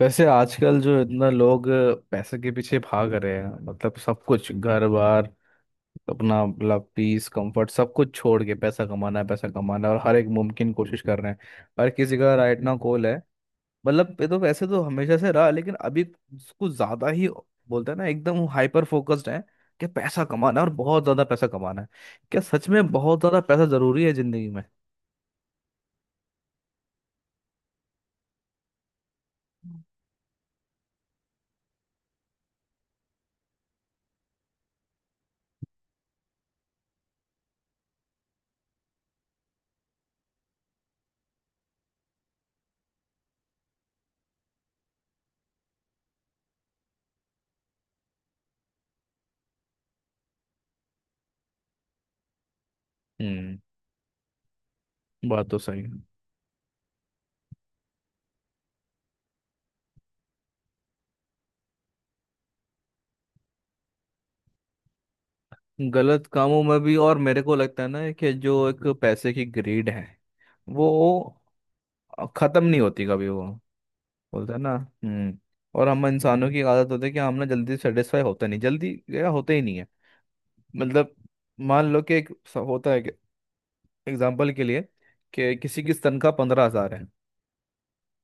वैसे आजकल जो इतना लोग पैसे के पीछे भाग रहे हैं, मतलब सब कुछ घर बार अपना, मतलब पीस कंफर्ट सब कुछ छोड़ के पैसा कमाना है, पैसा कमाना है, और हर एक मुमकिन कोशिश कर रहे हैं. हर किसी का राइट ना गोल है. मतलब ये तो वैसे तो हमेशा से रहा, लेकिन अभी कुछ ज्यादा ही बोलते हैं ना, एकदम हाइपर फोकस्ड है कि पैसा कमाना है और बहुत ज्यादा पैसा कमाना है. क्या सच में बहुत ज्यादा पैसा जरूरी है जिंदगी में? हम्म. बात तो सही है. गलत कामों में भी, और मेरे को लगता है ना कि जो एक पैसे की ग्रीड है वो खत्म नहीं होती कभी. वो बोलते हैं ना. हम्म. और हम इंसानों की आदत होती है कि हम ना जल्दी सेटिस्फाई होता नहीं, जल्दी या होते ही नहीं है, मतलब. मान लो कि होता है कि एग्जाम्पल के लिए कि किसी की तनख्वाह 15,000 है.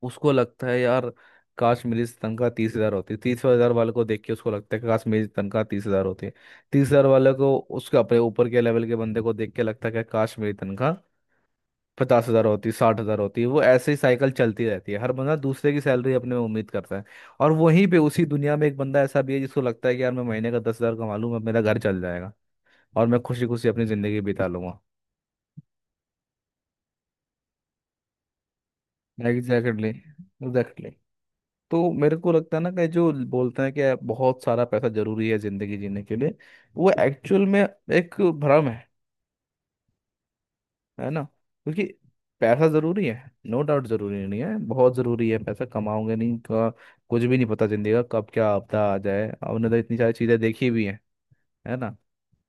उसको लगता है यार, काश मेरी तनख्वाह 30,000 होती. 30,000 वाले को देख के उसको लगता है कि काश मेरी तनख्वाह 30,000 होती. तीस हजार वाले को, उसके अपने ऊपर के लेवल के बंदे को देख के लगता है कि काश मेरी तनख्वाह 50,000 होती, 60,000 होती. वो ऐसे ही साइकिल चलती रहती है, हर बंदा दूसरे की सैलरी अपने में उम्मीद करता है. और वहीं पे उसी दुनिया में एक बंदा ऐसा भी है जिसको लगता है कि यार मैं महीने का 10,000 कमा लूंगा, मेरा घर चल जाएगा और मैं खुशी खुशी अपनी जिंदगी बिता लूंगा. Exactly, exactly. तो मेरे को लगता है ना कि जो बोलते हैं कि बहुत सारा पैसा जरूरी है जिंदगी जीने के लिए, वो एक्चुअल में एक भ्रम है. है ना? क्योंकि पैसा जरूरी है, नो डाउट. जरूरी नहीं है, बहुत जरूरी है. पैसा कमाओगे नहीं का कुछ भी नहीं पता, जिंदगी का कब क्या आपदा आ जाए. आपने तो इतनी सारी चीजें देखी भी हैं, है ना?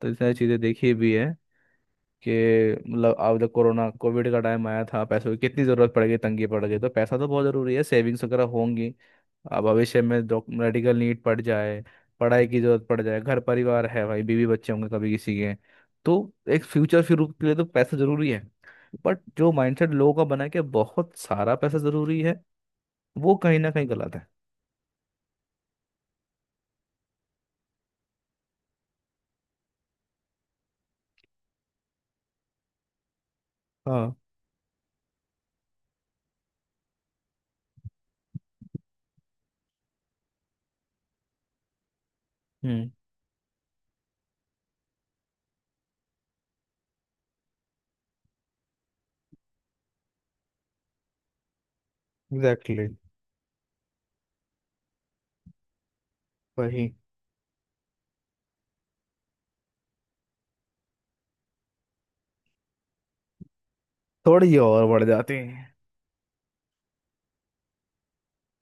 तो इतनी सारी चीजें देखी भी हैं कि मतलब अब जब कोरोना कोविड का टाइम आया था, पैसों की कितनी जरूरत पड़ गई, तंगी पड़ गई. तो पैसा तो बहुत जरूरी है, सेविंग्स वगैरह होंगी. अब भविष्य में डॉक मेडिकल नीड पड़ जाए, पढ़ाई की जरूरत पड़ जाए, घर परिवार है, भाई बीवी बच्चे होंगे कभी किसी के, तो एक फ्यूचर फिर के लिए तो पैसा जरूरी है. बट जो माइंडसेट लोगों का बना है कि बहुत सारा पैसा जरूरी है, वो कहीं ना कहीं गलत है. हाँ. हम्म. Exactly exactly. वही, थोड़ी और बढ़ जाती है.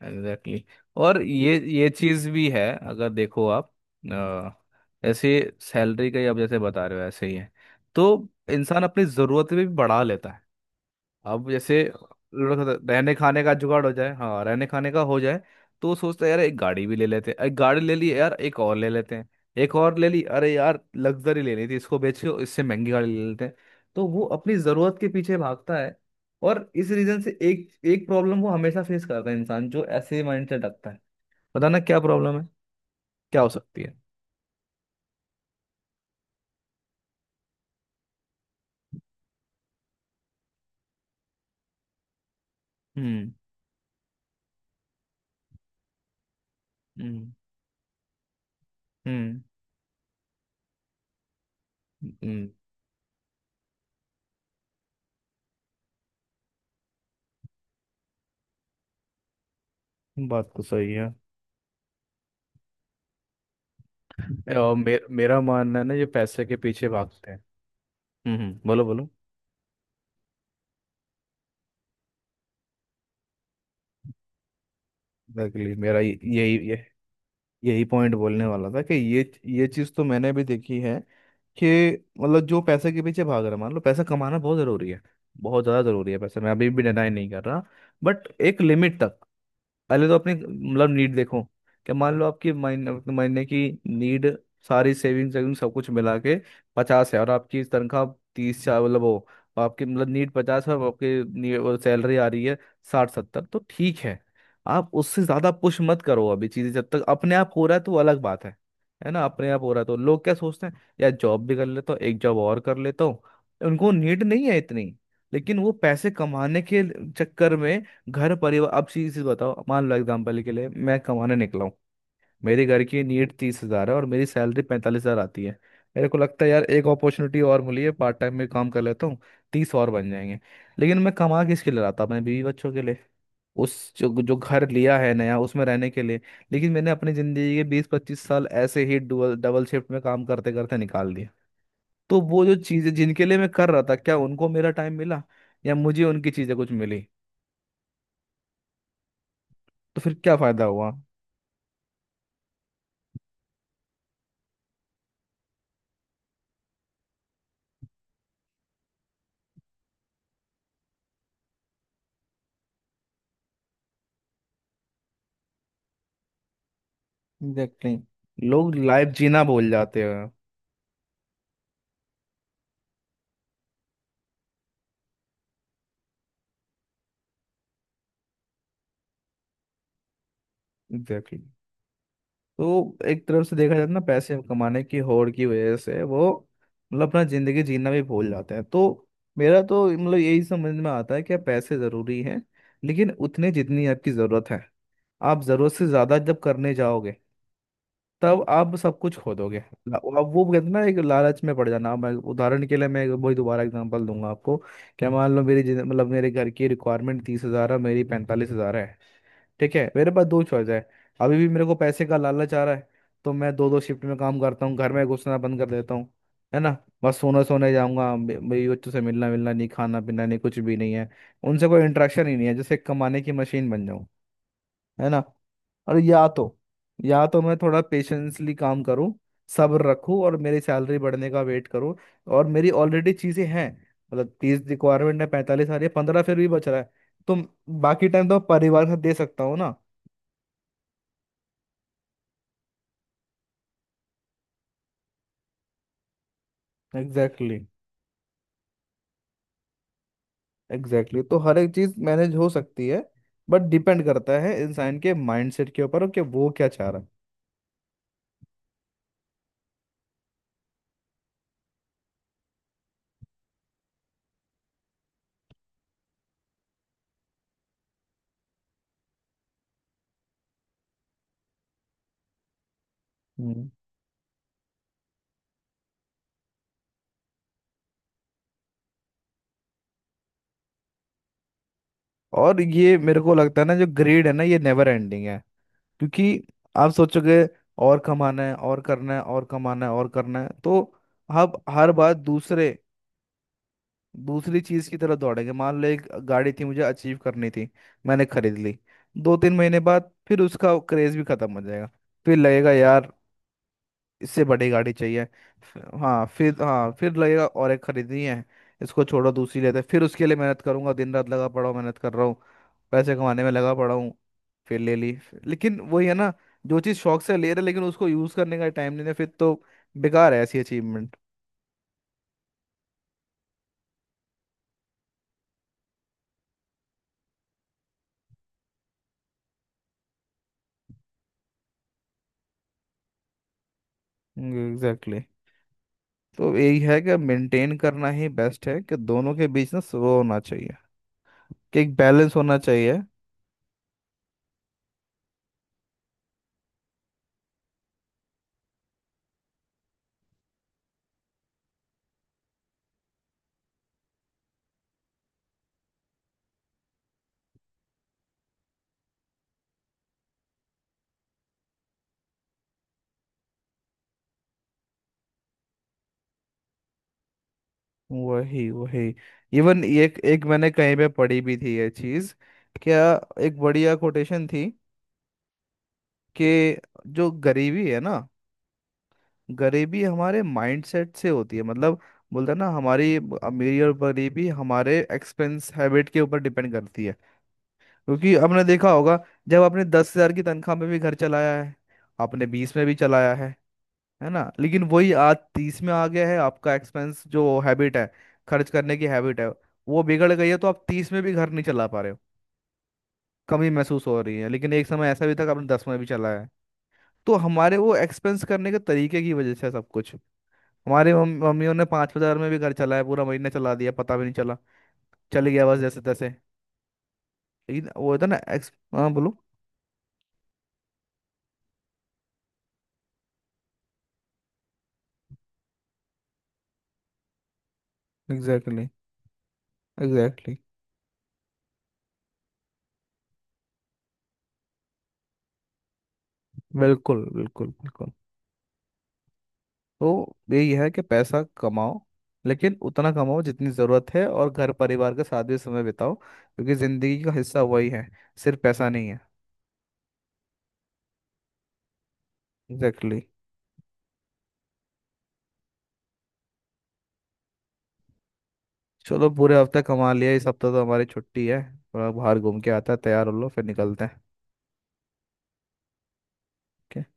Exactly exactly. और ये चीज भी है, अगर देखो आप अ, ऐसे सैलरी का ही आप जैसे बता रहे हो ऐसे ही है. तो इंसान अपनी जरूरतें भी बढ़ा लेता है. अब जैसे थोड़ा सा रहने खाने का जुगाड़ हो जाए, हाँ रहने खाने का हो जाए, तो सोचते हैं यार एक गाड़ी भी ले लेते हैं. एक गाड़ी ले ली, यार एक और ले लेते हैं. एक और ले ली, अरे यार लग्जरी लेनी थी, इसको बेच के इससे महंगी गाड़ी ले लेते हैं. तो वो अपनी जरूरत के पीछे भागता है, और इस रीजन से एक एक प्रॉब्लम वो हमेशा फेस करता है. इंसान जो ऐसे माइंडसेट रखता है, पता ना क्या प्रॉब्लम है, क्या हो सकती है. हम्म. हम्म. हम्म. हम्म. बात तो सही है. और मेरा मानना है ना ये पैसे के पीछे भागते हैं. हम्म. बोलो बोलो. एग्जैक्टली. मेरा यही पॉइंट बोलने वाला था कि ये चीज़ तो मैंने भी देखी है, कि मतलब जो पैसे के पीछे भाग रहा है, मान लो पैसा कमाना बहुत ज़रूरी है, बहुत ज़्यादा ज़रूरी है पैसा, मैं अभी भी डिनाई नहीं कर रहा. बट एक लिमिट तक. पहले तो अपनी मतलब नीड देखो कि मान लो आपकी महीने अपने महीने की नीड सारी सेविंग सेविंग सब कुछ मिला के पचास है, और आपकी तनख्वाह तीस चार, मतलब वो आपकी मतलब नीड पचास है और आपकी सैलरी आ रही है साठ सत्तर, तो ठीक है. आप उससे ज़्यादा पुश मत करो. अभी चीज़ें जब तक अपने आप हो रहा है तो वो अलग बात है. है ना? अपने आप हो रहा है तो लोग क्या सोचते हैं, या जॉब भी कर लेता हूँ, एक जॉब और कर लेता हूँ. उनको नीड नहीं है इतनी, लेकिन वो पैसे कमाने के चक्कर में घर परिवार, अब चीज चीज बताओ मान लो एग्जाम्पल के लिए मैं कमाने निकला हूँ. मेरे घर की नीड 30,000 है और मेरी सैलरी 45,000 आती है. मेरे को लगता है यार एक अपॉर्चुनिटी और मिली है, पार्ट टाइम में काम कर लेता हूँ, तीस और बन जाएंगे. लेकिन मैं कमा किसके लिए रहा था? अपने बीवी बच्चों के लिए, उस जो जो घर लिया है नया उसमें रहने के लिए. लेकिन मैंने अपनी जिंदगी के 20-25 साल ऐसे ही डबल डबल शिफ्ट में काम करते करते निकाल दिए. तो वो जो चीजें जिनके लिए मैं कर रहा था, क्या उनको मेरा टाइम मिला या मुझे उनकी चीजें कुछ मिली? तो फिर क्या फायदा हुआ? एग्जैक्टली. लोग लाइफ जीना भूल जाते हैं. एग्जैक्टली. तो एक तरफ से देखा जाए तो ना पैसे कमाने की होड़ की वजह से वो, मतलब अपना जिंदगी जीना भी भूल जाते हैं. तो मेरा तो मतलब यही समझ में आता है कि पैसे जरूरी हैं, लेकिन उतने जितनी आपकी जरूरत है. आप जरूरत से ज्यादा जब करने जाओगे, तब आप सब कुछ खो दोगे. आप वो कहते हैं ना एक लालच में पड़ जाना. मैं उदाहरण के लिए वही दोबारा एग्जांपल दूंगा आपको. क्या, मान लो मतलब मेरे घर की रिक्वायरमेंट 30,000 है, मेरी 45,000 है. ठीक है. मेरे पास दो चॉइस है. अभी भी मेरे को पैसे का लालच आ रहा है, तो मैं दो दो शिफ्ट में काम करता हूँ, घर में घुसना बंद कर देता हूँ, है ना? बस सोने सोने जाऊंगा, मेरी बच्चों से मिलना मिलना नहीं, खाना पीना नहीं, कुछ भी नहीं है. उनसे कोई इंटरेक्शन ही नहीं है, जैसे एक कमाने की मशीन बन जाऊं, है ना? और या तो मैं थोड़ा पेशेंसली काम करूं, सब्र रखूं और मेरी सैलरी बढ़ने का वेट करूं. और मेरी ऑलरेडी चीजें हैं, मतलब तीस रिक्वायरमेंट है, पैंतालीस आ रही है, पंद्रह फिर भी बच रहा है. तो बाकी टाइम तो परिवार का दे सकता हूँ ना. Exactly exactly, exactly exactly. तो हर एक चीज मैनेज हो सकती है, बट डिपेंड करता है इंसान के माइंडसेट के ऊपर कि वो क्या चाह रहा है. हम्म. और ये मेरे को लगता है ना, जो ग्रीड है ना, ये नेवर एंडिंग है. क्योंकि आप सोचोगे और कमाना है और करना है, और कमाना है और करना है, तो आप हर बार दूसरे दूसरी चीज की तरफ दौड़ेंगे. मान लो एक गाड़ी थी मुझे अचीव करनी थी, मैंने खरीद ली. 2-3 महीने बाद फिर उसका क्रेज भी खत्म हो जाएगा, फिर लगेगा यार इससे बड़ी गाड़ी चाहिए. हाँ फिर लगेगा और एक खरीदनी है, इसको छोड़ो दूसरी लेते हैं. फिर उसके लिए मेहनत करूंगा, दिन रात लगा पड़ा हूँ मेहनत कर रहा हूँ, पैसे कमाने में लगा पड़ा हूँ, फिर ले ली. लेकिन वही है ना, जो चीज़ शौक से ले रहे लेकिन उसको यूज़ करने का टाइम नहीं है, फिर तो बेकार है ऐसी अचीवमेंट. Exactly exactly. तो यही है कि मेंटेन करना ही बेस्ट है, कि दोनों के बीच ना वो होना चाहिए, कि एक बैलेंस होना चाहिए. वही वही. इवन एक एक मैंने कहीं पे पढ़ी भी थी ये चीज, क्या? एक बढ़िया कोटेशन थी कि जो गरीबी है ना, गरीबी हमारे माइंडसेट से होती है. मतलब, बोलते हैं ना हमारी अमीरी और गरीबी हमारे एक्सपेंस हैबिट के ऊपर डिपेंड करती है. क्योंकि आपने देखा होगा, जब आपने 10,000 की तनख्वाह में भी घर चलाया है, आपने बीस में भी चलाया है ना? लेकिन वही आज तीस में आ गया है. आपका एक्सपेंस जो हैबिट है, खर्च करने की हैबिट है, वो बिगड़ गई है, तो आप तीस में भी घर नहीं चला पा रहे हो, कमी महसूस हो रही है. लेकिन एक समय ऐसा भी था कि आपने दस में भी चलाया है. तो हमारे वो एक्सपेंस करने के तरीके की वजह से है सब कुछ. हमारे मम्मियों ने 5,000 में भी घर चलाया, पूरा महीना चला दिया, पता भी नहीं चला, चल गया बस जैसे तैसे. लेकिन वो था ना एक्स, हाँ बोलो. एग्जैक्टली. एग्जैक्टली. बिल्कुल बिल्कुल बिल्कुल. तो यही है कि पैसा कमाओ, लेकिन उतना कमाओ जितनी ज़रूरत है, और घर परिवार के साथ भी समय बिताओ क्योंकि ज़िंदगी का हिस्सा वही है, सिर्फ पैसा नहीं है. Exactly exactly. चलो पूरे हफ्ते कमा लिया, इस हफ्ते तो हमारी छुट्टी है. थोड़ा बाहर घूम के आता है, तैयार हो लो फिर निकलते हैं. Okay?